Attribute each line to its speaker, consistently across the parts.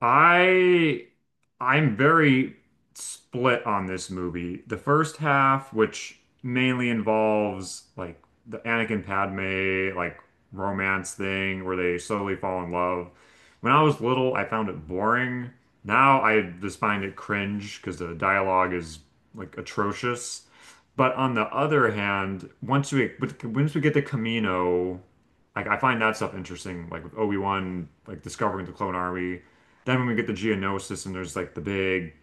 Speaker 1: I I'm very split on this movie. The first half, which mainly involves like the Anakin Padme like romance thing where they slowly fall in love. When I was little, I found it boring. Now I just find it cringe because the dialogue is like atrocious. But on the other hand, once we get to Camino. Like, I find that stuff interesting, like with Obi-Wan, like discovering the clone army. Then when we get the Geonosis and there's like the big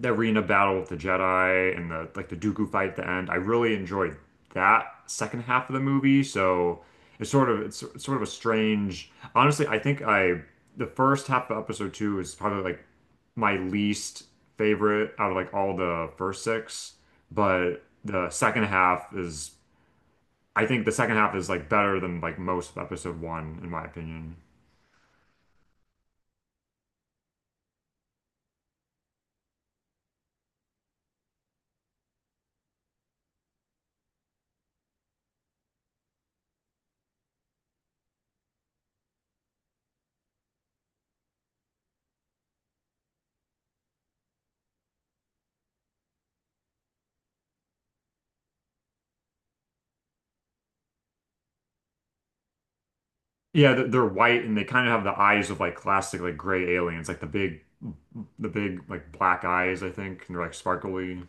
Speaker 1: the arena battle with the Jedi and the like the Dooku fight at the end. I really enjoyed that second half of the movie. So it's sort of a strange. Honestly, I think I the first half of episode two is probably like my least favorite out of like all the first six, but the second half is I think the second half is like better than like most of episode one, in my opinion. Yeah, they're white and they kind of have the eyes of like classic like gray aliens, like the big like black eyes. I think and they're like sparkly.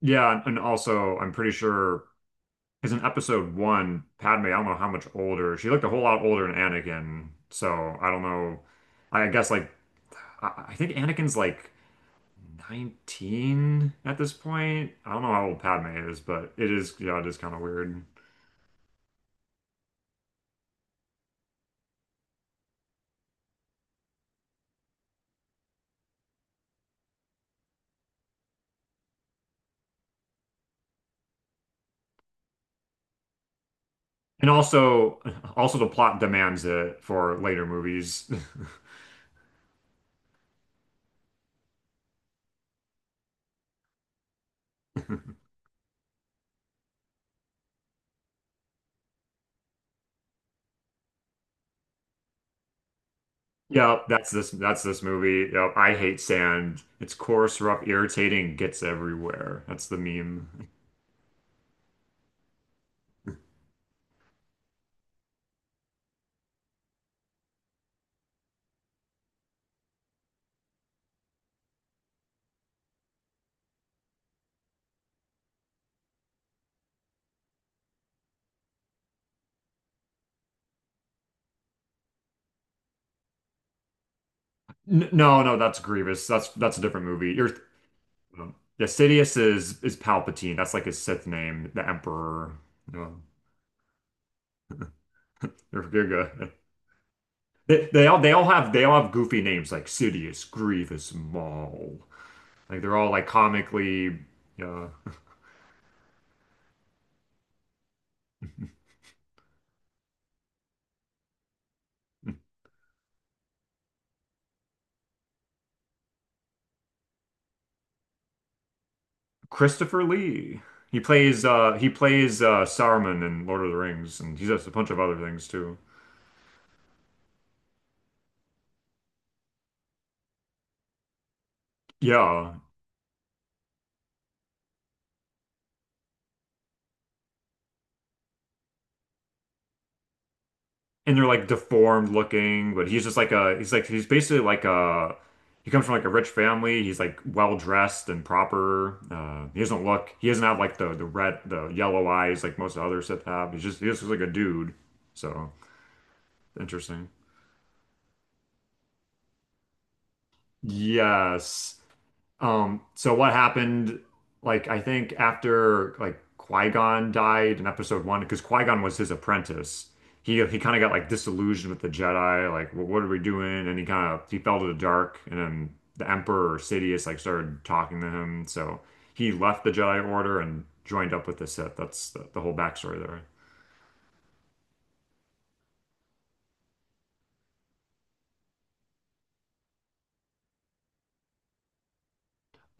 Speaker 1: Yeah, and also I'm pretty sure because in episode one, Padme, I don't know how much older she looked a whole lot older than Anakin. So I don't know. I guess like I think Anakin's like 19 at this point. I don't know how old Padme is, but it is, yeah, it is kind of weird. And also, the plot demands it for later movies. Yep, that's this. That's this movie. Yep, I hate sand. It's coarse, rough, irritating, gets everywhere. That's the meme. N no, no, that's Grievous. That's a different movie. You're yeah, Sidious is Palpatine. That's like his Sith name, the Emperor. No, they're good. They all have goofy names like Sidious, Grievous, Maul. Like, they're all like comically. Yeah, Christopher Lee. He plays Saruman in Lord of the Rings and he does a bunch of other things too. Yeah. And they're like deformed looking, but he comes from like a rich family. He's like well dressed and proper. He doesn't have like the yellow eyes like most of other Sith have. He just looks like a dude. So interesting. Yes. So what happened, like I think after like Qui-Gon died in episode one, because Qui-Gon was his apprentice. He kind of got like disillusioned with the Jedi, like, what are we doing? And he kind of he fell to the dark, and then the Emperor Sidious like started talking to him. So he left the Jedi Order and joined up with the Sith. That's the whole backstory there.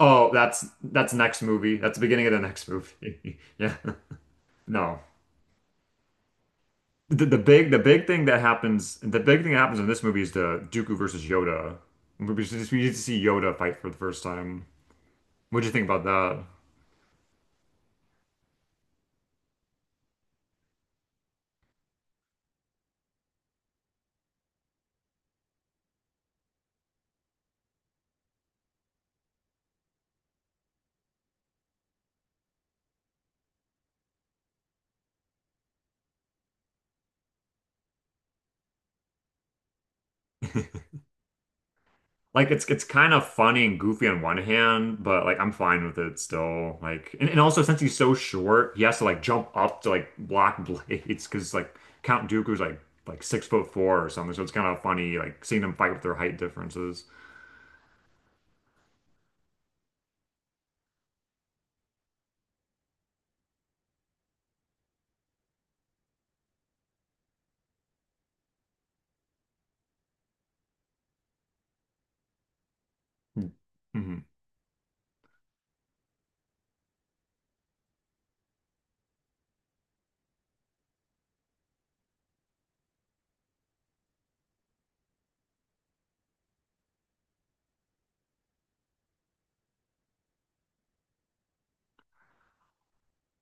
Speaker 1: Oh, that's next movie. That's the beginning of the next movie. Yeah. No. The big thing that happens the big thing that happens in this movie is the Dooku versus Yoda. We need to see Yoda fight for the first time. What do you think about that? Like, it's kind of funny and goofy on one hand, but like I'm fine with it still. Like, and, also since he's so short, he has to like jump up to like block blades because like Count Dooku's like 6'4" or something. So it's kind of funny like seeing them fight with their height differences. Mhm.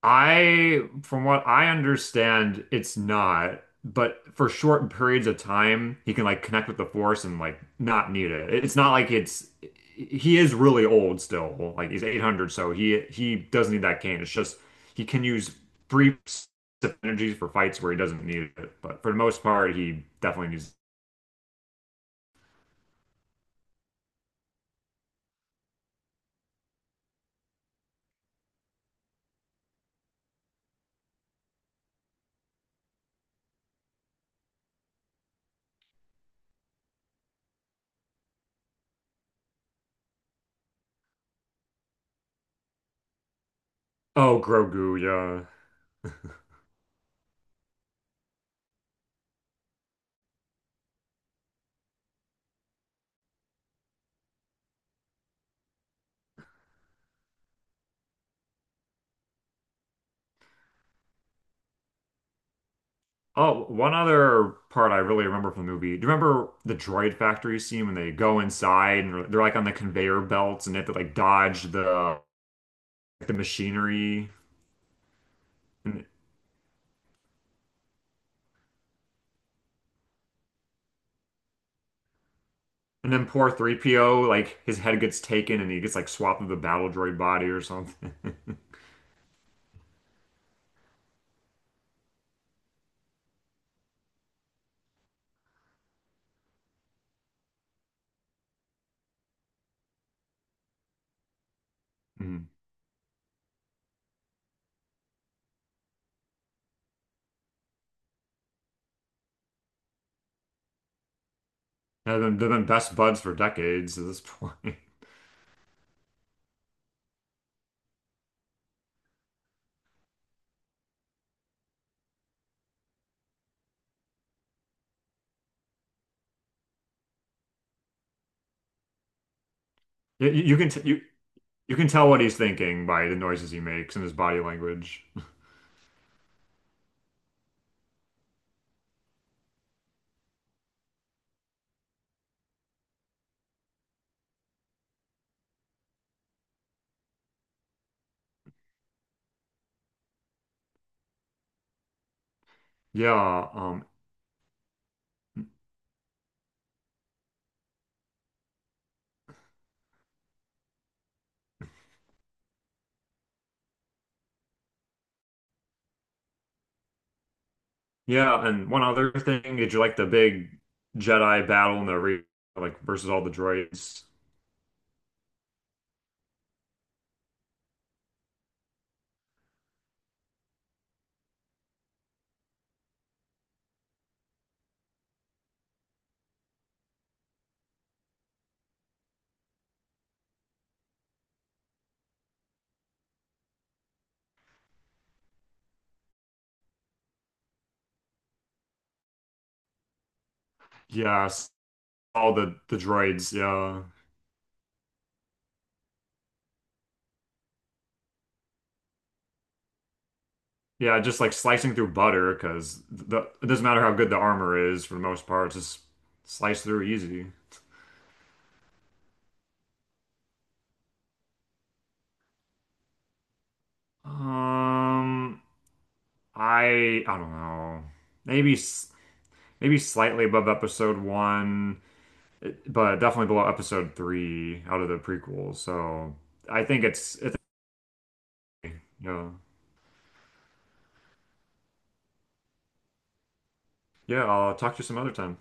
Speaker 1: From what I understand, it's not, but for short periods of time, he can like connect with the Force and like not need it. It's not like it's he is really old still. Like, he's 800, so he doesn't need that cane. It's just he can use brief energies for fights where he doesn't need it, but for the most part, he definitely needs. Oh, Grogu, yeah. Oh, one other part I really remember from the movie. Do you remember the droid factory scene when they go inside and they're like on the conveyor belts and they have to like dodge the machinery. And and then poor 3PO like his head gets taken and he gets like swapped with a battle droid body or something. Mm. They've been best buds for decades at this point. You, you can t you you can tell what he's thinking by the noises he makes and his body language. Yeah. Yeah, and one other thing, did you like the big Jedi battle in the re like versus all the droids? Yes, all the droids. Yeah, yeah, just like slicing through butter because the it doesn't matter how good the armor is for the most part, it's just slice through easy. Um, I don't know, maybe s- maybe slightly above episode one, but definitely below episode three out of the prequels. So I think it's yeah. Yeah, I'll talk to you some other time.